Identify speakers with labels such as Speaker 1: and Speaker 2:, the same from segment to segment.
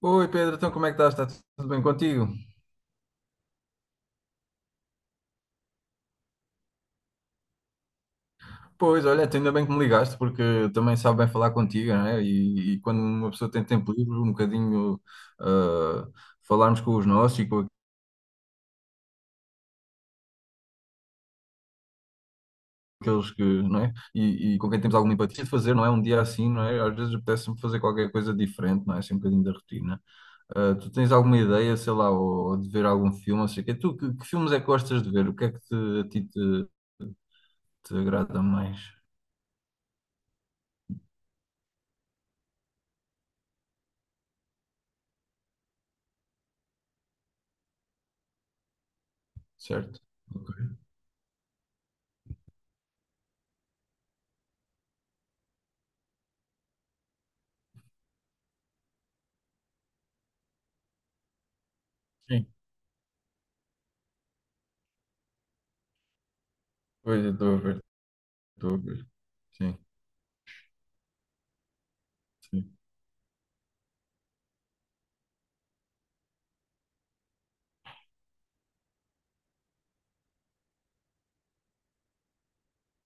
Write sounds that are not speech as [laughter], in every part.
Speaker 1: Oi Pedro, então como é que estás? Está tudo bem contigo? Pois, olha, até ainda bem que me ligaste, porque também sabe bem falar contigo, não é? E quando uma pessoa tem tempo livre, um bocadinho ah, falarmos com os nossos e com aqueles que, não é? E com quem temos alguma empatia de fazer, não é? Um dia assim, não é? Às vezes apetece-me fazer qualquer coisa diferente, não é? Assim, um bocadinho da rotina. Ah, tu tens alguma ideia, sei lá, ou de ver algum filme, não sei o quê? Tu, que filmes é que gostas de ver? O que é que a ti te te agrada mais? Certo? Ok. Sim, pois eu estou a ver. Douglas. Sim, sim.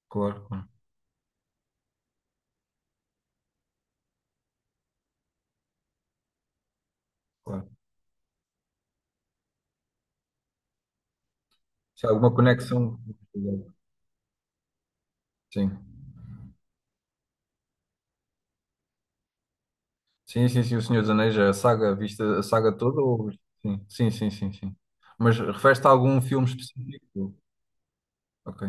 Speaker 1: Claro, claro, claro. Se há alguma conexão. Sim. Sim, sim, sim. O Senhor dos Anéis, a saga, viste a saga toda? Ou... Sim, sim, sim, sim, sim. Mas refere-te a algum filme específico? Ok,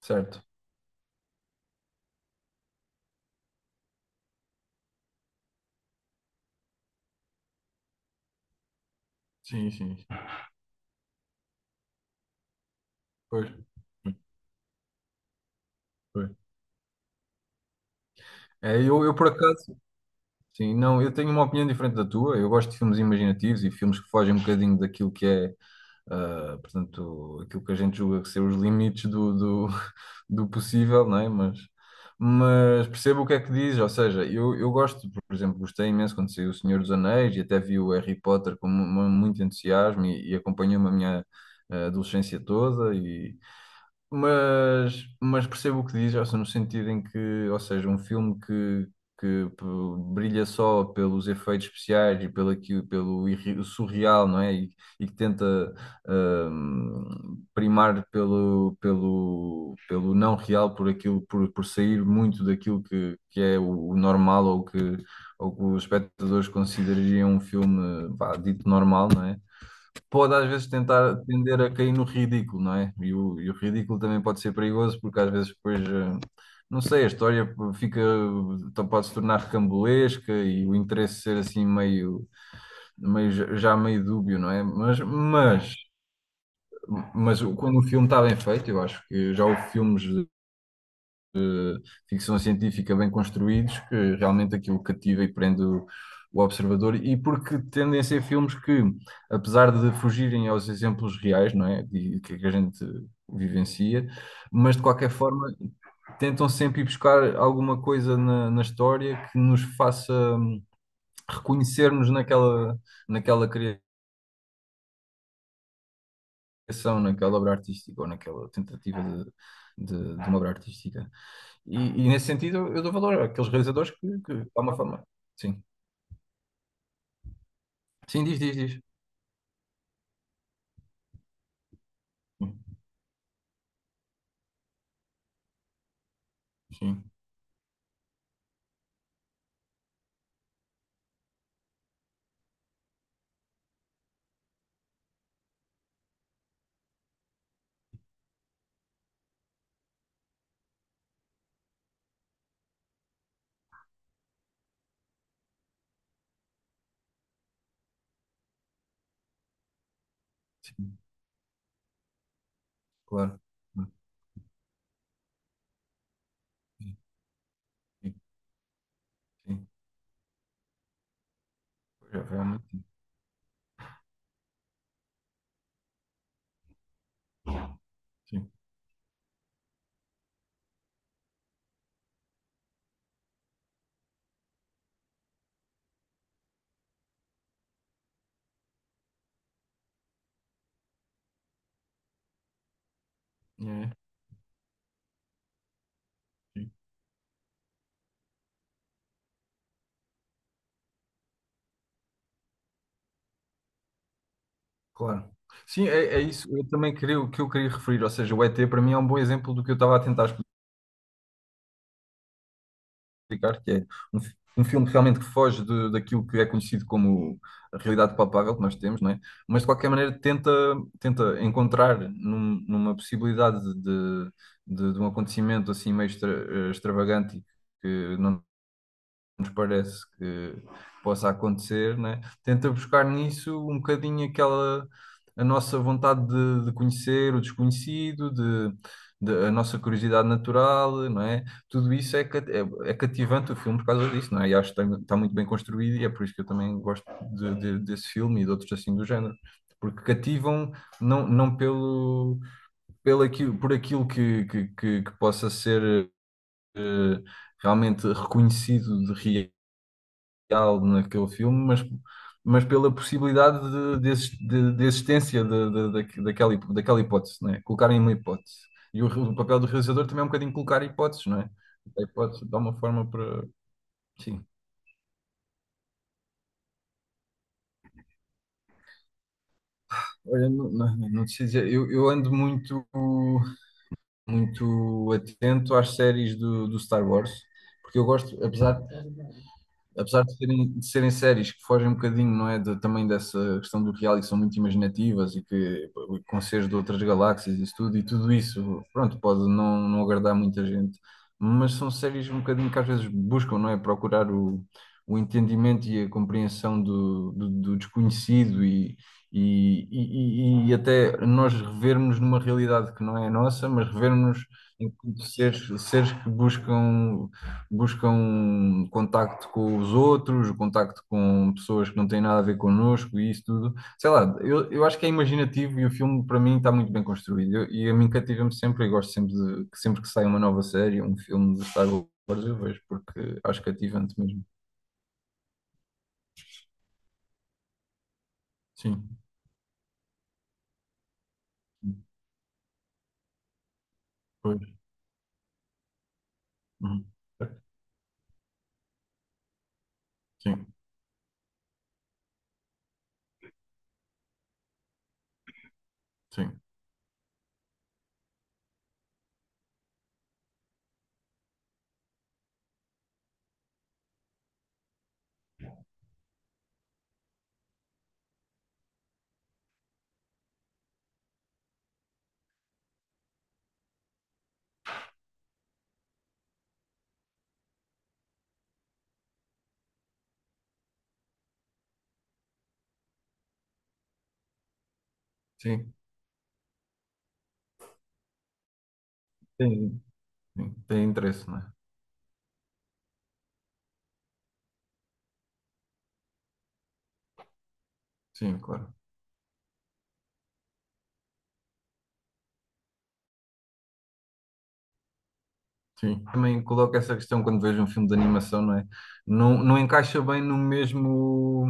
Speaker 1: certo. Sim, sim. Pois. Pois. É, eu por acaso, sim, não, eu tenho uma opinião diferente da tua. Eu gosto de filmes imaginativos e filmes que fogem um bocadinho daquilo que é. Portanto, aquilo que a gente julga que ser os limites do [laughs] do possível, não é? Mas percebo o que é que diz, ou seja, eu gosto, por exemplo, gostei imenso quando saiu O Senhor dos Anéis e até vi o Harry Potter com muito entusiasmo e acompanhou-me a minha adolescência toda e, mas percebo o que diz, ou seja, no sentido em que, ou seja, um filme que, que p- brilha só pelos efeitos especiais e pelo, pelo surreal, não é? E que tenta primar pelo, pelo, pelo não real, por aquilo, por sair muito daquilo que é o normal ou que os espectadores considerariam um filme, vá, dito normal, não é? Pode às vezes tentar tender a cair no ridículo, não é? E o ridículo também pode ser perigoso porque às vezes depois, não sei, a história fica, então pode se tornar recambolesca e o interesse ser assim meio, meio já já meio dúbio, não é? Mas quando o filme está bem feito, eu acho que já houve filmes ficção científica bem construídos, que realmente aquilo cativa e prende o observador, e porque tendem a ser filmes que, apesar de fugirem aos exemplos reais, não é? E que a gente vivencia, mas de qualquer forma tentam sempre ir buscar alguma coisa na, na história que nos faça reconhecermos naquela, naquela criação, naquela obra artística ou naquela tentativa de uma obra artística. E nesse sentido eu dou valor àqueles realizadores que, de alguma forma. Sim. Sim, diz, diz, diz. Sim, sim, sim, claro. Sim, sim, sim. Pois é, realmente, sim. Sim, é, sim, claro. Sim, é, é isso eu também queria, o que eu queria referir. Ou seja, o ET para mim é um bom exemplo do que eu estava a tentar explicar, que é um, um filme realmente que foge daquilo que é conhecido como a realidade palpável que nós temos, não é? Mas de qualquer maneira tenta, tenta encontrar numa possibilidade de um acontecimento assim meio extravagante e que não nos parece que possa acontecer, né? Tenta buscar nisso um bocadinho aquela a nossa vontade de conhecer o desconhecido, de, a nossa curiosidade natural, não é? Tudo isso é, é, é cativante o filme por causa disso, não é? E acho que está, está muito bem construído e é por isso que eu também gosto desse filme e de outros assim do género. Porque cativam não, não pelo, pelo aquilo, por aquilo que possa ser eh, realmente reconhecido de real naquele filme, mas pela possibilidade de de existência daquela, daquela hipótese, né? Colocarem uma hipótese. E o, o papel do realizador também é um bocadinho colocar hipóteses, não é? A hipótese dá uma forma para. Sim. Olha, não, não, não te sei dizer, eu ando muito, muito atento às séries do Star Wars, porque eu gosto, apesar de serem séries que fogem um bocadinho, não é, também dessa questão do reality, são muito imaginativas e que com seres de outras galáxias e isso tudo, e tudo isso, pronto, pode não, não agradar muita gente, mas são séries um bocadinho que às vezes buscam, não é, procurar o entendimento e a compreensão do, do, do desconhecido e e até nós revermos numa realidade que não é a nossa, mas revermos enquanto seres, seres que buscam buscam contacto com os outros, contacto com pessoas que não têm nada a ver connosco e isso tudo. Sei lá, eu acho que é imaginativo e o filme para mim está muito bem construído. E a mim cativa-me sempre e gosto sempre de que sempre que sai uma nova série, um filme de Star Wars, eu vejo porque acho cativante mesmo. Sim, pois. Uhum. Sim, sim, sim. Tem, sim, tem interesse, não é? Sim, claro. Sim. Também coloco essa questão quando vejo um filme de animação, não é? Não, não encaixa bem no mesmo,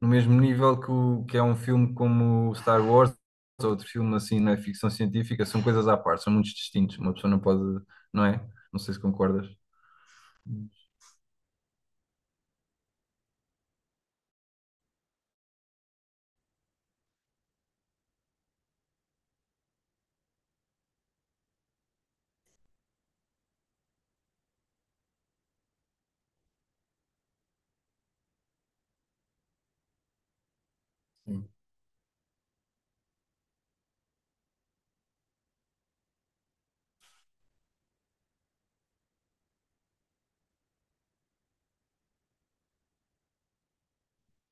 Speaker 1: no mesmo nível que, o, que é um filme como Star Wars ou outro filme assim na ficção científica, são coisas à parte, são muito distintos. Uma pessoa não pode, não é? Não sei se concordas. Sim,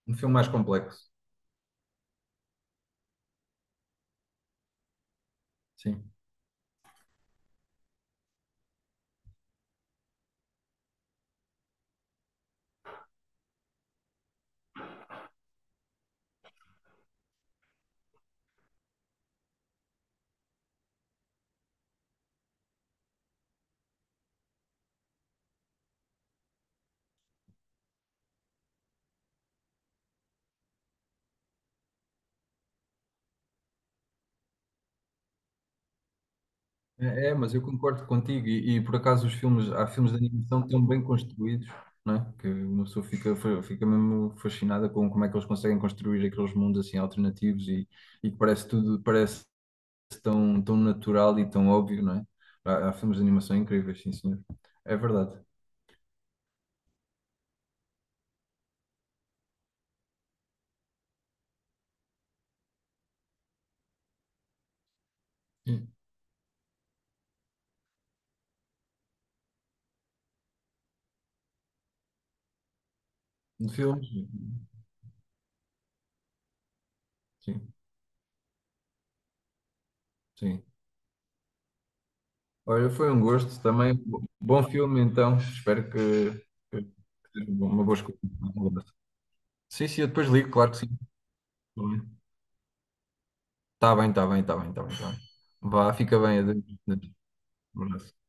Speaker 1: um filme mais complexo. Sim. É, é, mas eu concordo contigo e, por acaso os filmes, há filmes de animação tão bem construídos, não é? Que uma pessoa fica, fica mesmo fascinada com como é que eles conseguem construir aqueles mundos assim alternativos e que parece tudo, parece tão, tão natural e tão óbvio, não é? Há, há filmes de animação incríveis, sim, senhor. É verdade. Sim. De filmes, sim, sim. Olha, foi um gosto também. Bom filme então, espero que seja uma boa escolha. Sim, sim, eu depois ligo, claro que sim. Tá bem. Tá bem, tá bem, tá bem, tá bem, tá bem. Vá, fica bem. Adeus. Adeus. Um Abraço.